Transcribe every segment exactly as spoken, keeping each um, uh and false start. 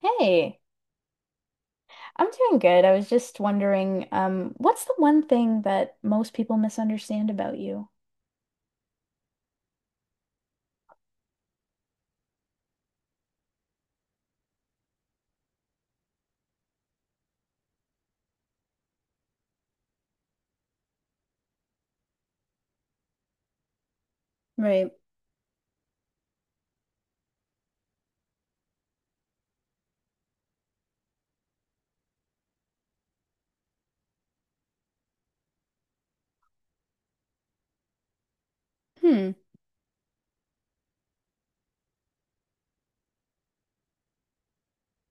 Hey, I'm doing good. I was just wondering, um, what's the one thing that most people misunderstand about you? Right. Hmm.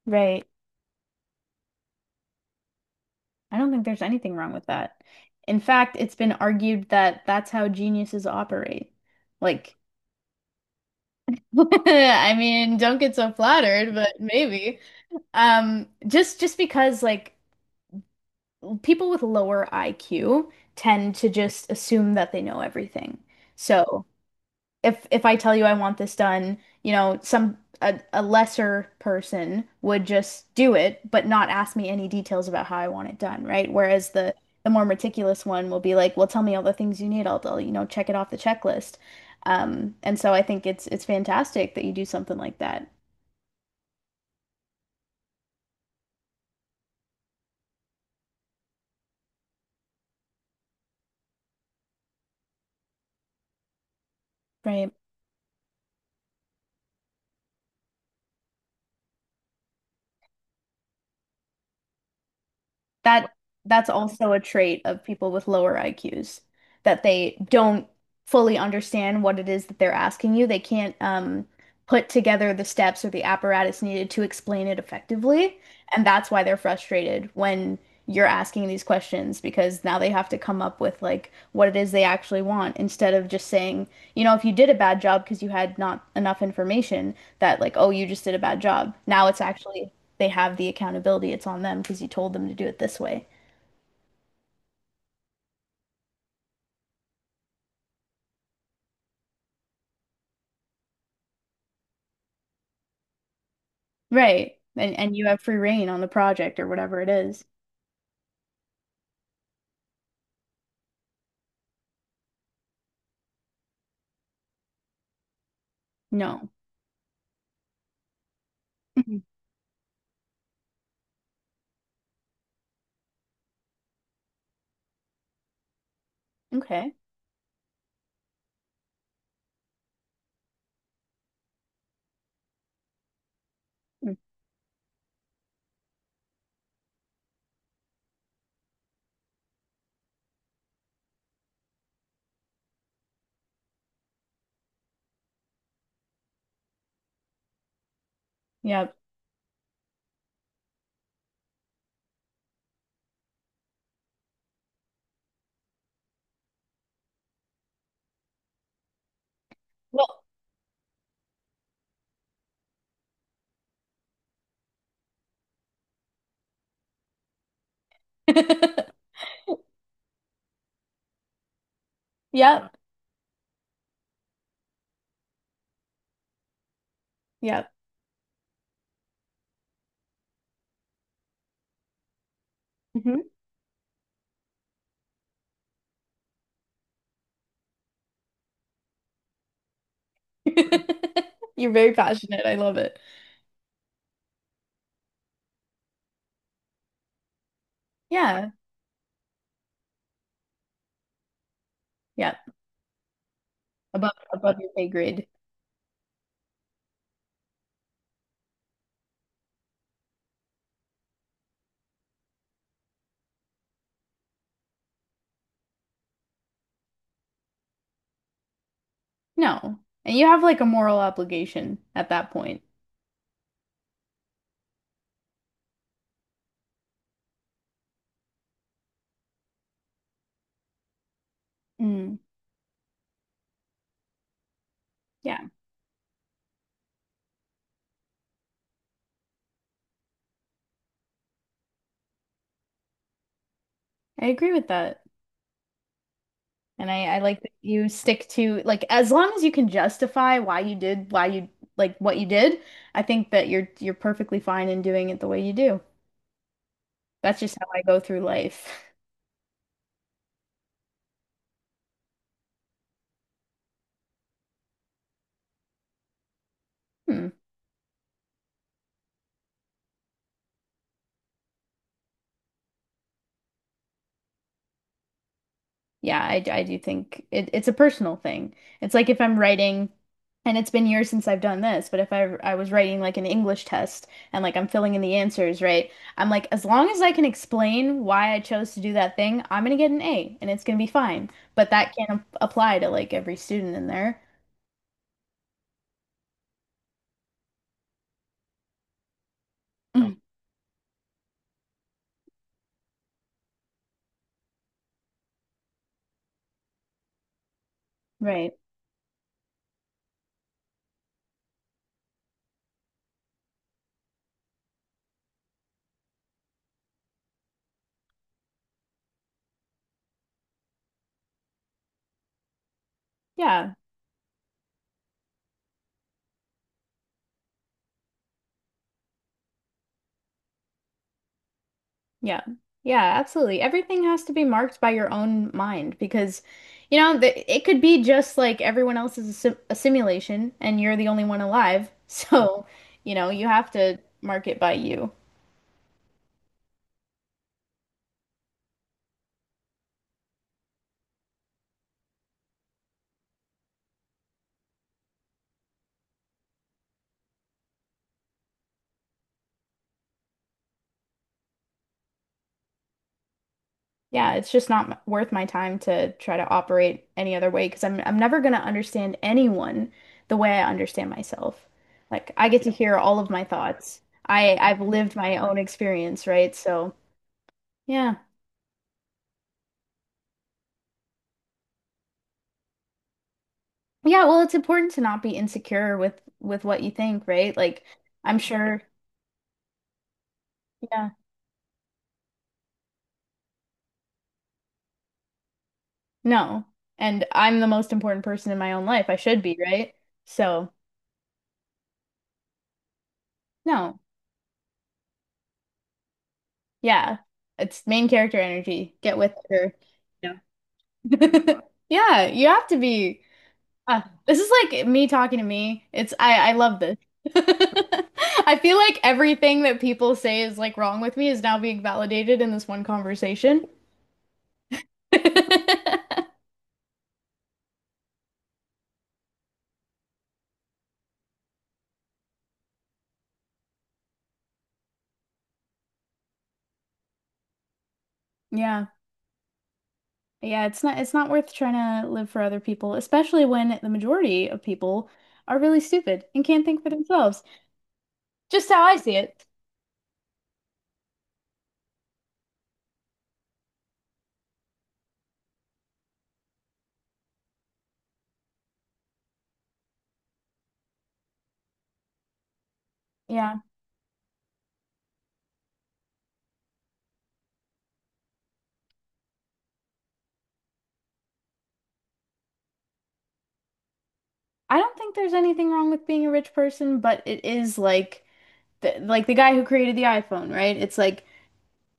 Right. I don't think there's anything wrong with that. In fact, it's been argued that that's how geniuses operate. Like, I mean, don't get so flattered, but maybe. Um, just just because like people with lower I Q tend to just assume that they know everything. So if if I tell you I want this done, you know, some a, a lesser person would just do it, but not ask me any details about how I want it done, right? Whereas the the more meticulous one will be like, well, tell me all the things you need. I'll, I'll, you know, check it off the checklist. Um, and so I think it's it's fantastic that you do something like that. Right. That that's also a trait of people with lower I Qs that they don't fully understand what it is that they're asking you. They can't um, put together the steps or the apparatus needed to explain it effectively, and that's why they're frustrated when you're asking these questions because now they have to come up with like what it is they actually want instead of just saying, you know, if you did a bad job because you had not enough information that like, oh, you just did a bad job. Now it's actually they have the accountability. It's on them because you told them to do it this way. Right. And and you have free reign on the project or whatever it is. No. Mhm. Okay. Mm. Yep. Well. Yep. Yep. Mhm. You're very passionate. I love it. Yeah. Yep. Above above your pay grade. No. And you have like a moral obligation at that point. Mm. Yeah. I agree with that. And I, I like that you stick to like as long as you can justify why you did why you like what you did, I think that you're you're perfectly fine in doing it the way you do. That's just how I go through life. Hmm. Yeah, I, I do think it, it's a personal thing. It's like if I'm writing, and it's been years since I've done this, but if I I was writing like an English test and like I'm filling in the answers, right? I'm like, as long as I can explain why I chose to do that thing, I'm gonna get an A and it's gonna be fine. But that can't ap- apply to like every student in there. Mm. Right. Yeah. Yeah. Yeah, absolutely. Everything has to be marked by your own mind because, you know, th it could be just like everyone else is a, sim a simulation and you're the only one alive. So, you know, you have to mark it by you. Yeah, it's just not m- worth my time to try to operate any other way because I'm I'm never going to understand anyone the way I understand myself. Like I get to hear all of my thoughts. I I've lived my own experience, right? So, yeah. Yeah, well, it's important to not be insecure with with what you think, right? Like, I'm sure, yeah, no. And I'm the most important person in my own life. I should be, right? So, no. Yeah. It's main character energy. Get with her. Yeah. Yeah, you have to be. Uh, this is like me talking to me. It's I I love this. I feel like everything that people say is like wrong with me is now being validated in this one conversation. Yeah. Yeah, it's not it's not worth trying to live for other people, especially when the majority of people are really stupid and can't think for themselves. Just how I see it. Yeah. I don't think there's anything wrong with being a rich person, but it is like the, like the guy who created the iPhone, right? It's like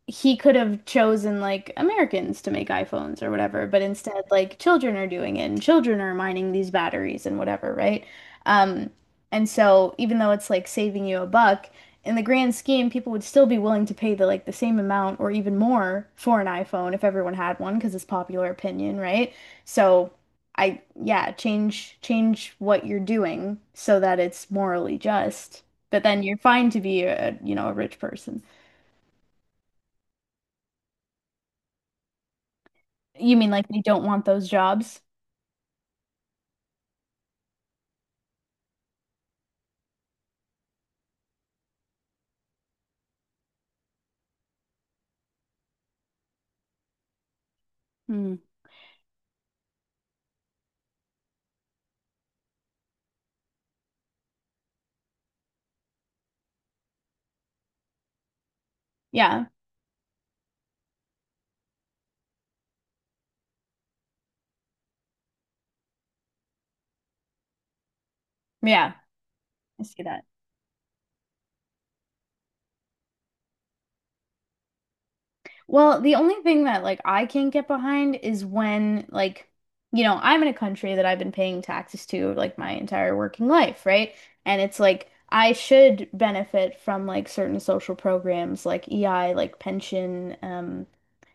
he could have chosen like Americans to make iPhones or whatever, but instead like children are doing it and children are mining these batteries and whatever, right? Um, and so even though it's like saving you a buck, in the grand scheme, people would still be willing to pay the like the same amount or even more for an iPhone if everyone had one because it's popular opinion, right? So I yeah, change change what you're doing so that it's morally just, but then you're fine to be a, you know, a rich person. You mean like they don't want those jobs? Hmm. Yeah. Yeah. I see that. Well, the only thing that like I can't get behind is when like you know, I'm in a country that I've been paying taxes to like my entire working life, right? And it's like I should benefit from like certain social programs like E I, like pension, um,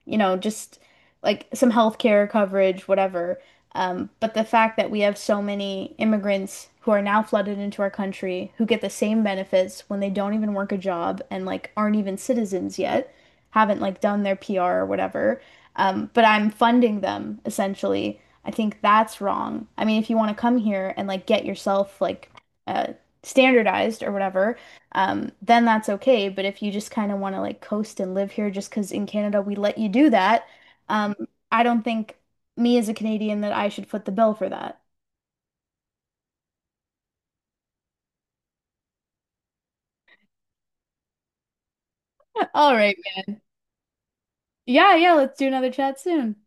you know, just like some healthcare coverage, whatever. Um, but the fact that we have so many immigrants who are now flooded into our country who get the same benefits when they don't even work a job and like aren't even citizens yet haven't like done their P R or whatever, um, but I'm funding them essentially. I think that's wrong. I mean, if you want to come here and like get yourself like uh, standardized or whatever, um, then that's okay. But if you just kind of want to like coast and live here just because in Canada we let you do that, um, I don't think me as a Canadian that I should foot the bill for that. All right, man. Yeah, yeah, let's do another chat soon.